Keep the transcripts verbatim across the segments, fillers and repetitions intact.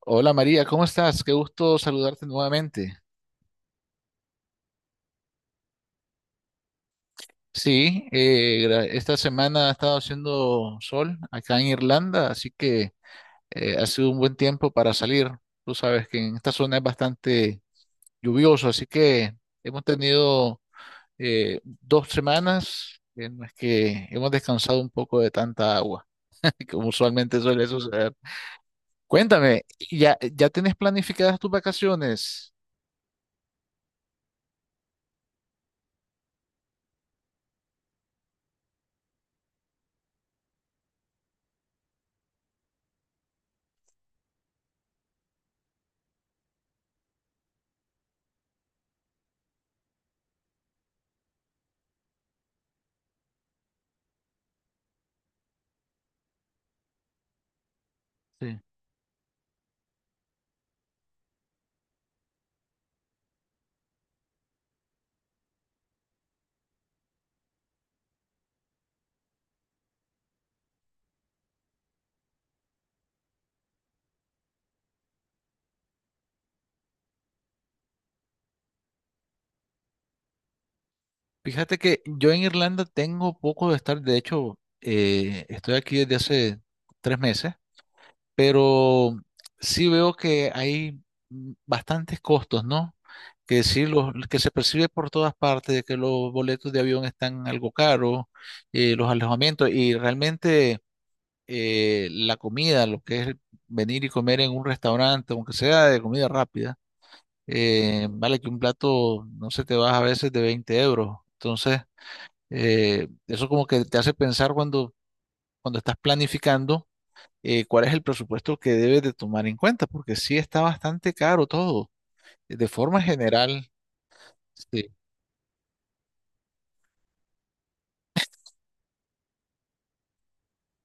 Hola María, ¿cómo estás? Qué gusto saludarte nuevamente. Sí, eh, gra- esta semana ha estado haciendo sol acá en Irlanda, así que eh, ha sido un buen tiempo para salir. Tú sabes que en esta zona es bastante lluvioso, así que hemos tenido eh, dos semanas en las que hemos descansado un poco de tanta agua, como usualmente suele suceder. Cuéntame, ¿ya, ya tienes planificadas tus vacaciones? Sí. Fíjate que yo en Irlanda tengo poco de estar, de hecho, eh, estoy aquí desde hace tres meses, pero sí veo que hay mm, bastantes costos, ¿no? Que sí, los, que se percibe por todas partes, de que los boletos de avión están algo caros, eh, los alojamientos y realmente eh, la comida, lo que es venir y comer en un restaurante, aunque sea de comida rápida, eh, vale que un plato, no sé, te vas a veces de veinte euros. Entonces... Eh, eso como que te hace pensar cuando, cuando estás planificando eh, cuál es el presupuesto que debes de tomar en cuenta, porque sí está bastante caro todo. De forma general, sí,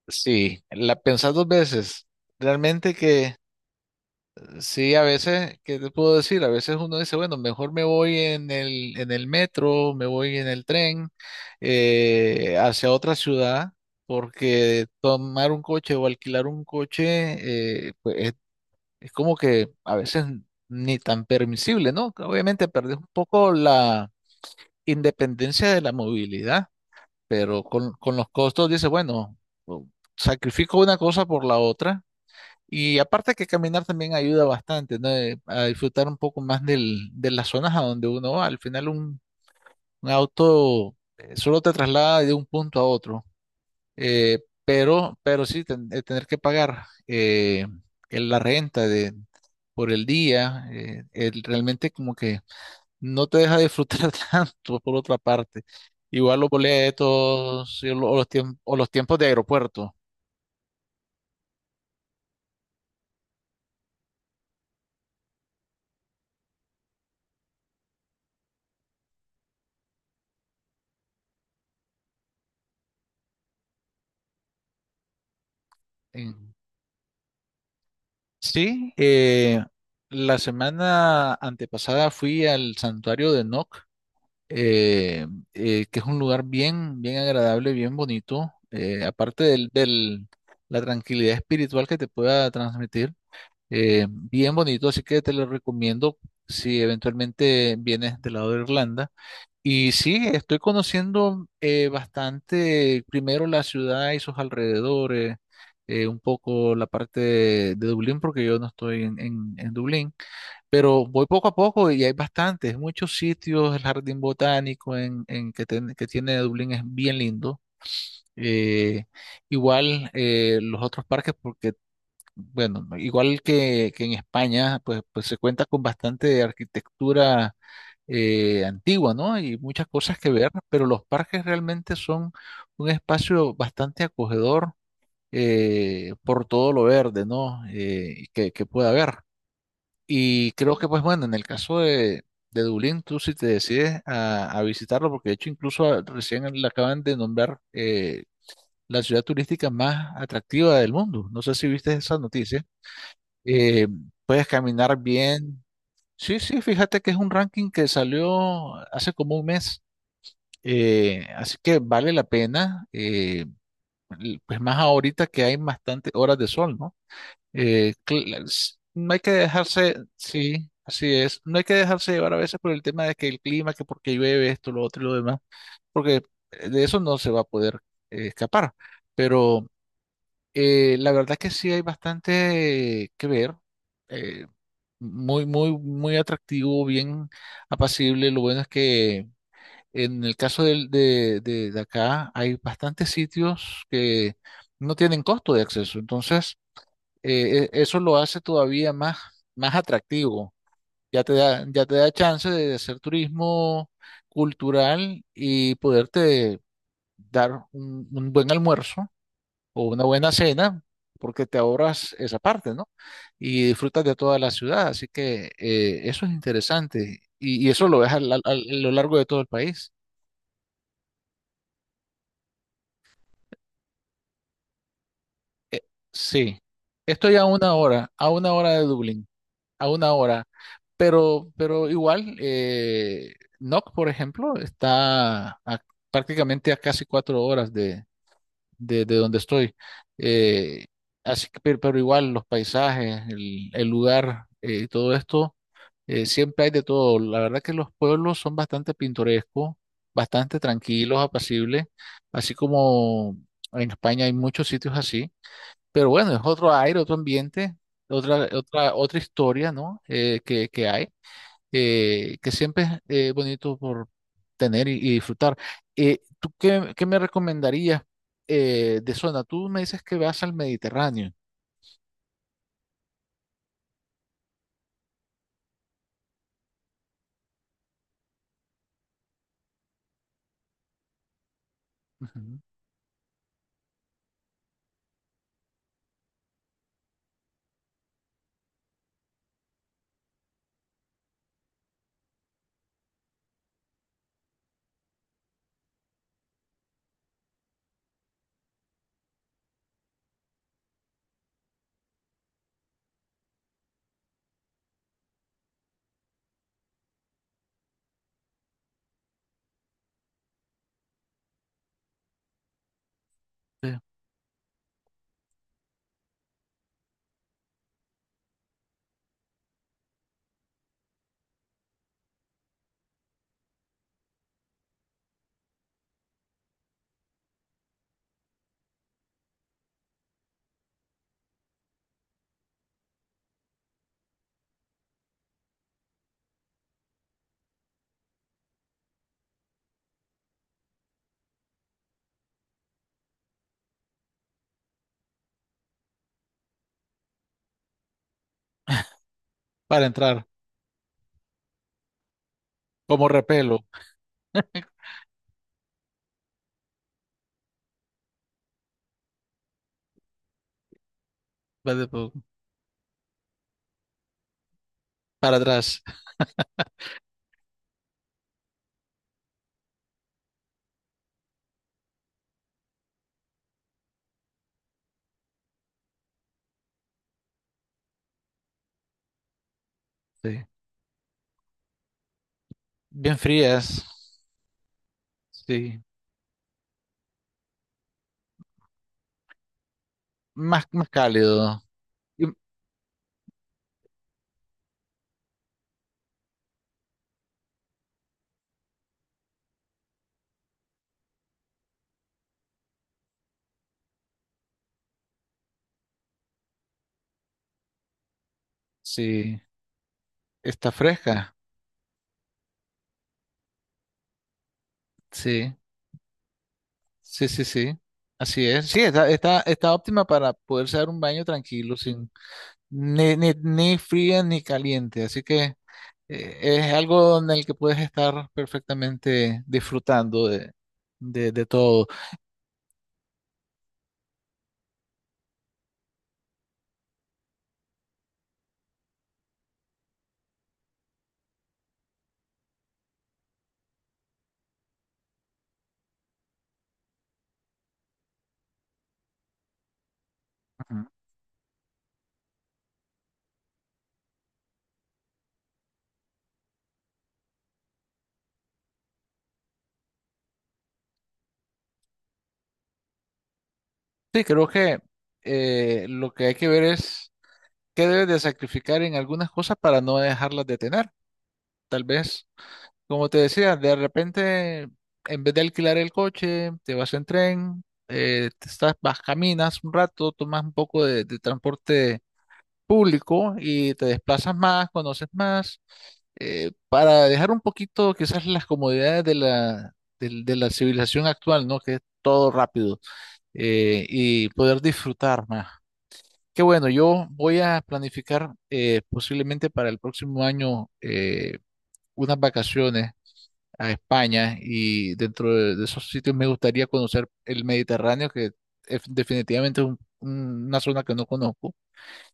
sí, la pensás dos veces. Realmente que sí, a veces, ¿qué te puedo decir? A veces uno dice, bueno, mejor me voy en el, en el metro, me voy en el tren eh, hacia otra ciudad, porque tomar un coche o alquilar un coche eh, pues, es es como que a veces ni tan permisible, ¿no? Obviamente perdés un poco la independencia de la movilidad, pero con, con los costos dices, bueno, o- sacrifico una cosa por la otra. Y aparte que caminar también ayuda bastante, ¿no? Eh, A disfrutar un poco más del, de las zonas a donde uno va. Al final un, un auto eh, solo te traslada de un punto a otro. Eh, pero, pero sí, ten- eh, tener que pagar eh, el- la renta de, por el día, eh, el- realmente como que no te deja disfrutar tanto por otra parte. Igual los boletos y lo- o los, tiemp- o los tiempos de aeropuerto. En- sí, eh, la semana antepasada fui al santuario de Noc eh, eh, que es un lugar bien, bien agradable, bien bonito, eh, aparte del, del- la tranquilidad espiritual que te pueda transmitir, eh, bien bonito, así que te lo recomiendo si eventualmente vienes del lado de Irlanda. Y sí, estoy conociendo eh, bastante, primero la ciudad y sus alrededores, eh, un poco la parte de, de Dublín, porque yo no estoy en en- en Dublín. Pero voy poco a poco y hay bastantes, muchos sitios. El jardín botánico en, en que, ten- que tiene Dublín es bien lindo. Eh, igual eh, los otros parques, porque, bueno, igual que, que en España, pues, pues se cuenta con bastante arquitectura eh, antigua, ¿no? Y muchas cosas que ver, pero los parques realmente son un espacio bastante acogedor eh, por todo lo verde, ¿no? Eh, que, que pueda haber. Y creo que, pues bueno, en el caso de, de Dublín, tú si te decides a, a visitarlo, porque de hecho incluso a- recién le acaban de nombrar eh, la ciudad turística más atractiva del mundo. No sé si viste esa noticia. Eh, puedes caminar bien. Sí, sí, fíjate que es un ranking que salió hace como un mes. Eh, así que vale la pena, eh, l- pues más ahorita que hay bastantes horas de sol, ¿no? Eh, cl- s- no hay que dejarse, sí, así es, no hay que dejarse llevar a veces por el tema de que el clima, que porque llueve esto, lo otro y lo demás, porque eh, de eso no se va a poder eh, escapar. Pero eh, la verdad que sí hay bastante que ver, eh, muy, muy, muy atractivo, bien apacible. Lo bueno es que en el caso del- de, de de acá hay bastantes sitios que no tienen costo de acceso, entonces eh, e- eso lo hace todavía más, más atractivo. Ya te da, ya te da chance de hacer turismo cultural y poderte dar un, un buen almuerzo o una buena cena, porque te ahorras esa parte, ¿no? Y disfrutas de toda la ciudad. Así que eh, eso es interesante. Y, y eso lo ves al- al- al- a lo largo de todo el país. Sí. Estoy a una hora, a una hora de Dublín. A una hora. Pero, pero igual, eh, N O C, por ejemplo, está a- prácticamente a casi cuatro horas de, de, de donde estoy. Eh, así que, pero, pero igual, los paisajes, el, el lugar eh, y todo esto, eh, siempre hay de todo. La verdad que los pueblos son bastante pintorescos, bastante tranquilos, apacibles, así como en España hay muchos sitios así. Pero bueno, es otro aire, otro ambiente, otra, otra, otra historia, ¿no? Eh, que, que hay, eh, que siempre es eh, bonito por tener y, y disfrutar. Eh, ¿tú qué, qué me recomendarías eh, de zona? Tú me dices que vas al Mediterráneo. Ujú. Sí. Para entrar, como repelo, va de po- para atrás, sí. Bien frías, sí. Más, más cálido, y- sí. Está fresca, sí. Sí, sí, sí. Así es. Sí, está, está, está óptima para poderse dar un baño tranquilo, sin ni, ni, ni fría ni caliente. Así que eh, es algo en el que puedes estar perfectamente disfrutando de, de, de todo. Ujú. Sí, creo que eh, lo que hay que ver es qué debes de sacrificar en algunas cosas para no dejarlas de tener. Tal vez. Como te decía, de repente, en vez de alquilar el coche, te vas en tren, eh, te estás, vas, caminas un rato, tomas un poco de, de transporte público y te desplazas más, conoces más, eh, para dejar un poquito quizás las comodidades de la, del- de la civilización actual, ¿no? Que es todo rápido, eh, y poder disfrutar más. Qué bueno, yo voy a planificar eh, posiblemente para el próximo año eh, unas vacaciones a España y dentro de, de esos sitios me gustaría conocer el Mediterráneo, que es definitivamente es un- un- una zona que no conozco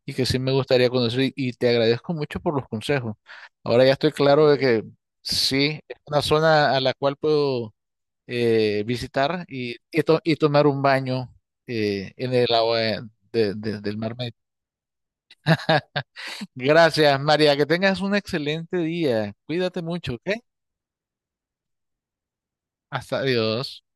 y que sí me gustaría conocer y, y te agradezco mucho por los consejos. Ahora ya estoy claro de que sí, es una zona a la cual puedo eh, visitar y, y, to- y tomar un baño eh, en el agua eh, de- de- del mar Mediterráneo. Gracias, María, que tengas un excelente día. Cuídate mucho, ¿ok? Hasta adiós.